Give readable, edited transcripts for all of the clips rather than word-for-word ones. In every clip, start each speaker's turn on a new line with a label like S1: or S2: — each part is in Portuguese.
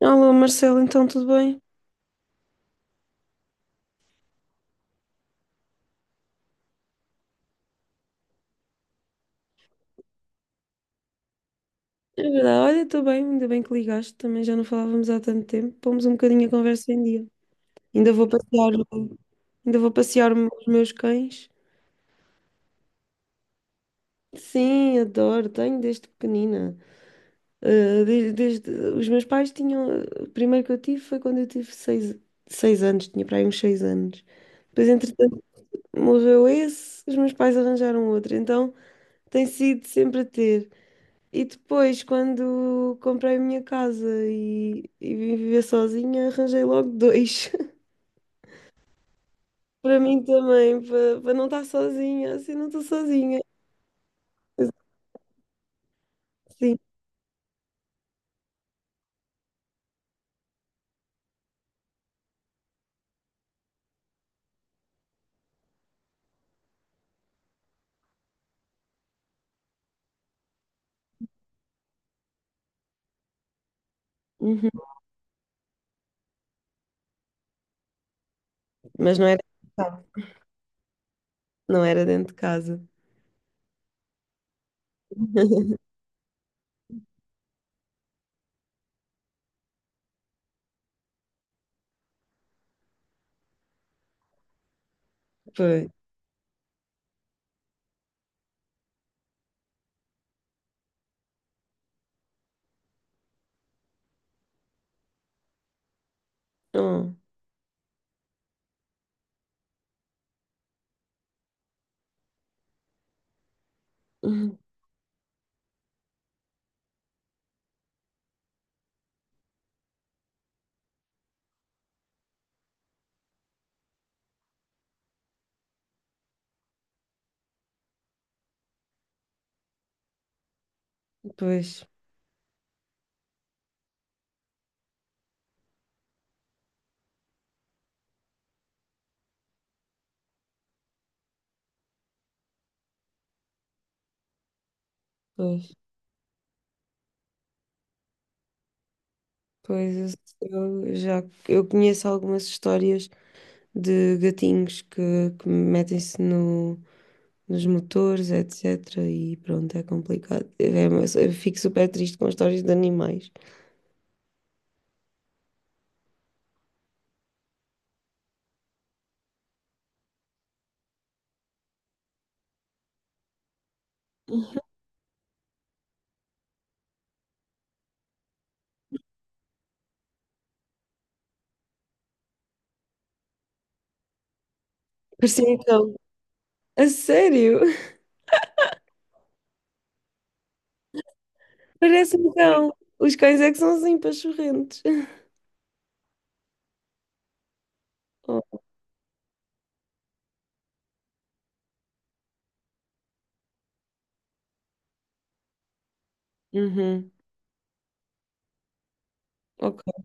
S1: Olá Marcelo, então tudo bem? É verdade, olha, estou bem, ainda bem que ligaste, também já não falávamos há tanto tempo, pomos um bocadinho a conversa em dia. Ainda vou passear, o- ainda vou passear os meus cães. Sim, adoro, tenho desde pequenina. Ah, desde, os meus pais tinham, o primeiro que eu tive foi quando eu tive seis anos, tinha para aí uns 6 anos. Depois, entretanto, morreu esse, os meus pais arranjaram outro, então tem sido sempre a ter. E depois, quando comprei a minha casa e vim viver sozinha, arranjei logo dois. Para mim também, para não estar sozinha, assim não estou sozinha. Mas, sim. Uhum. Mas não era dentro de casa. Não era dentro de casa. Pois. Oh. Uhum. Pois, pois, pois eu já eu conheço algumas histórias de gatinhos que metem-se no, nos motores, etc. E pronto, é complicado. É, mas eu fico super triste com histórias de animais. Parecia um cão. A sério? Parece um cão. Os cães é que são assim pachorrentos. Oh, uhum, ok.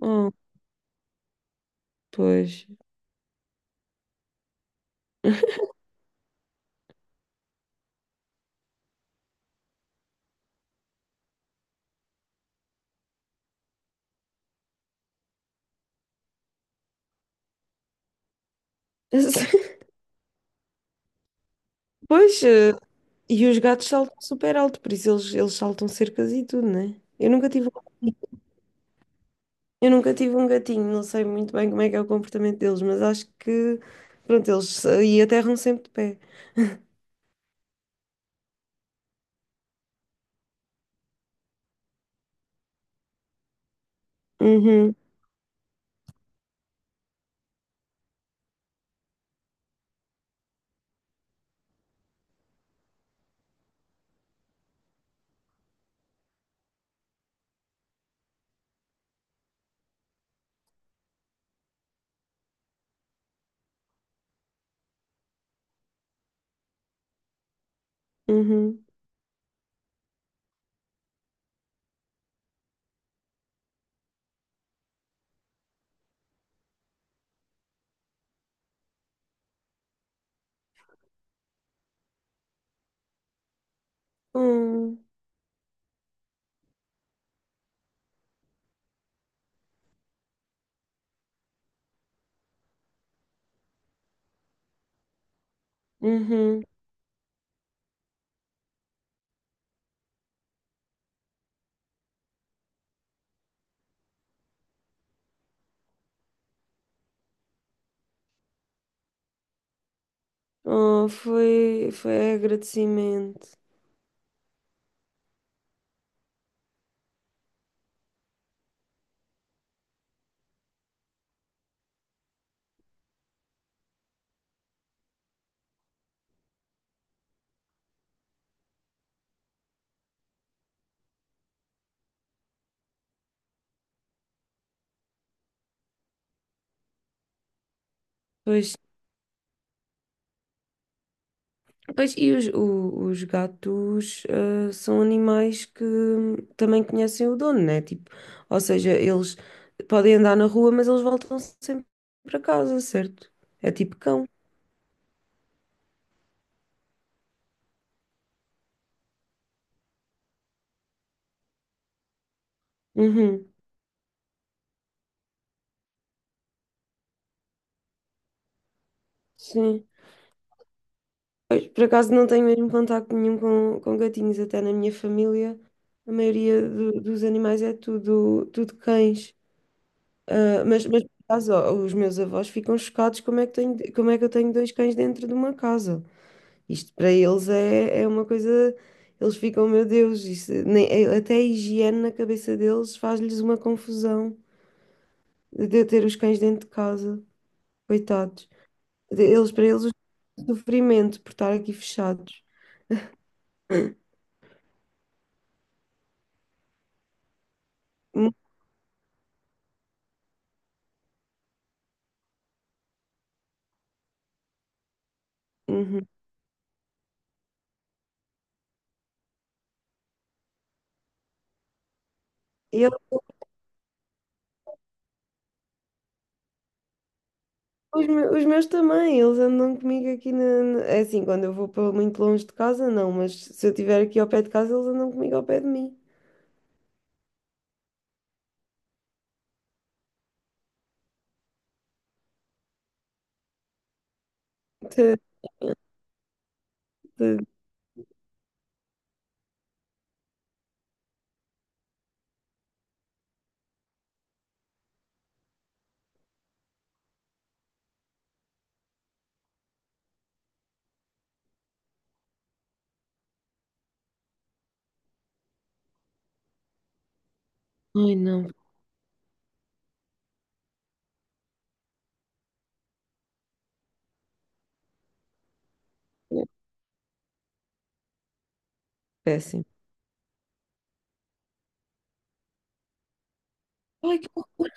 S1: Oh, pois. Pois, e os gatos saltam super alto, por isso eles saltam cercas e tudo, né? Eu nunca tive gatinho. Eu nunca tive um gatinho, não sei muito bem como é que é o comportamento deles, mas acho que, pronto, eles e aterram sempre de pé. Uhum. Uhum. Hum. Uhum. Oh, foi agradecimento. Pois, pois e os gatos são animais que também conhecem o dono, né? Tipo, ou seja, eles podem andar na rua, mas eles voltam sempre para casa, certo? É tipo cão. Uhum. Sim. Pois, por acaso não tenho mesmo contacto nenhum com gatinhos, até na minha família. A maioria dos animais é tudo, tudo cães. Ah, mas por acaso, ó, os meus avós ficam chocados como é que tenho, como é que eu tenho dois cães dentro de uma casa. Isto para eles é uma coisa. Eles ficam, meu Deus, isso, nem, até a higiene na cabeça deles faz-lhes uma confusão de eu ter os cães dentro de casa. Coitados. Eles, para eles, o sofrimento por estar aqui fechados. Uhum. Os meus também, eles andam comigo aqui É assim, quando eu vou para muito longe de casa, não, mas se eu estiver aqui ao pé de casa, eles andam comigo ao pé de mim. Te- te- Ai, não, péssimo. Ai, que horror.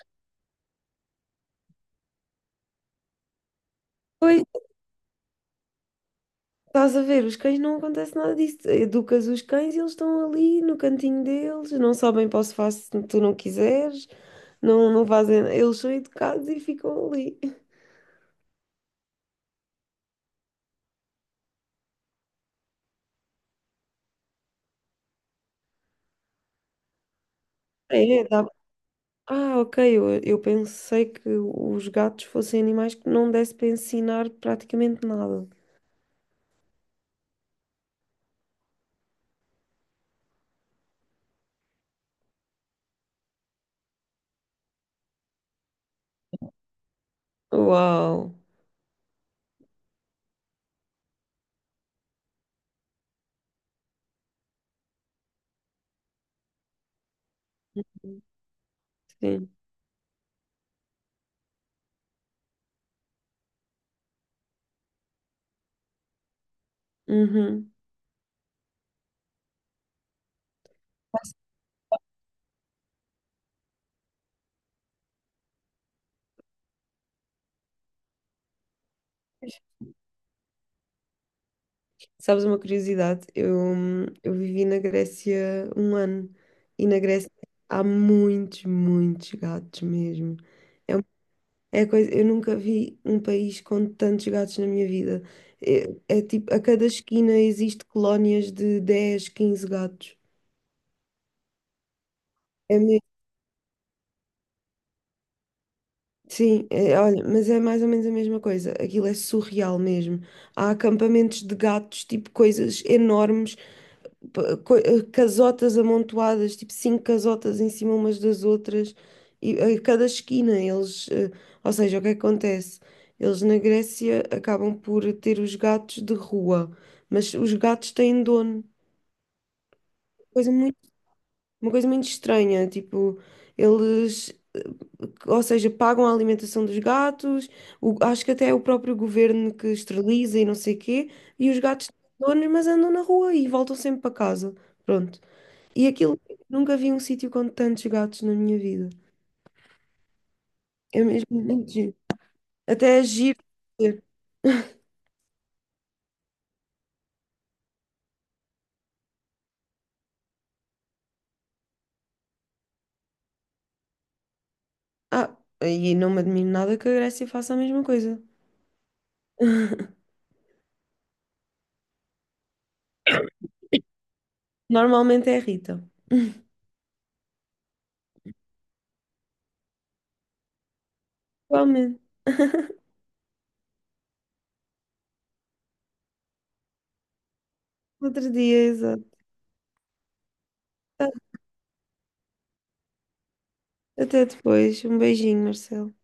S1: Pois, estás a ver, os cães não acontece nada disso. Educas os cães e eles estão ali no cantinho deles, não sabem para o sofá se tu não quiseres, não, não fazem. Eles são educados e ficam ali. É. Ah, ok. Eu pensei que os gatos fossem animais que não desse para ensinar praticamente nada. Uau! Sim. Uhum. Sabes uma curiosidade? Eu vivi na Grécia um ano e na Grécia há muitos, muitos gatos mesmo. É, um- é a coisa, eu nunca vi um país com tantos gatos na minha vida. É tipo, a cada esquina existe colónias de 10, 15 gatos. É. Sim, é, olha, mas é mais ou menos a mesma coisa. Aquilo é surreal mesmo. Há acampamentos de gatos, tipo coisas enormes, casotas amontoadas, tipo cinco casotas em cima umas das outras, e a cada esquina eles, ou seja, o que é que acontece? Eles na Grécia acabam por ter os gatos de rua, mas os gatos têm dono. Coisa uma coisa muito estranha, tipo, eles, ou seja, pagam a alimentação dos gatos, acho que até é o próprio governo que esteriliza e não sei quê, e os gatos têm donos, mas andam na rua e voltam sempre para casa. Pronto. E aquilo, nunca vi um sítio com tantos gatos na minha vida. É mesmo muito giro. Até é giro. Ver. Ah, e não me admiro nada que a Grécia faça a mesma coisa. Normalmente é a Rita. Igualmente. Outro dia, exato. Ah, até depois. Um beijinho, Marcelo.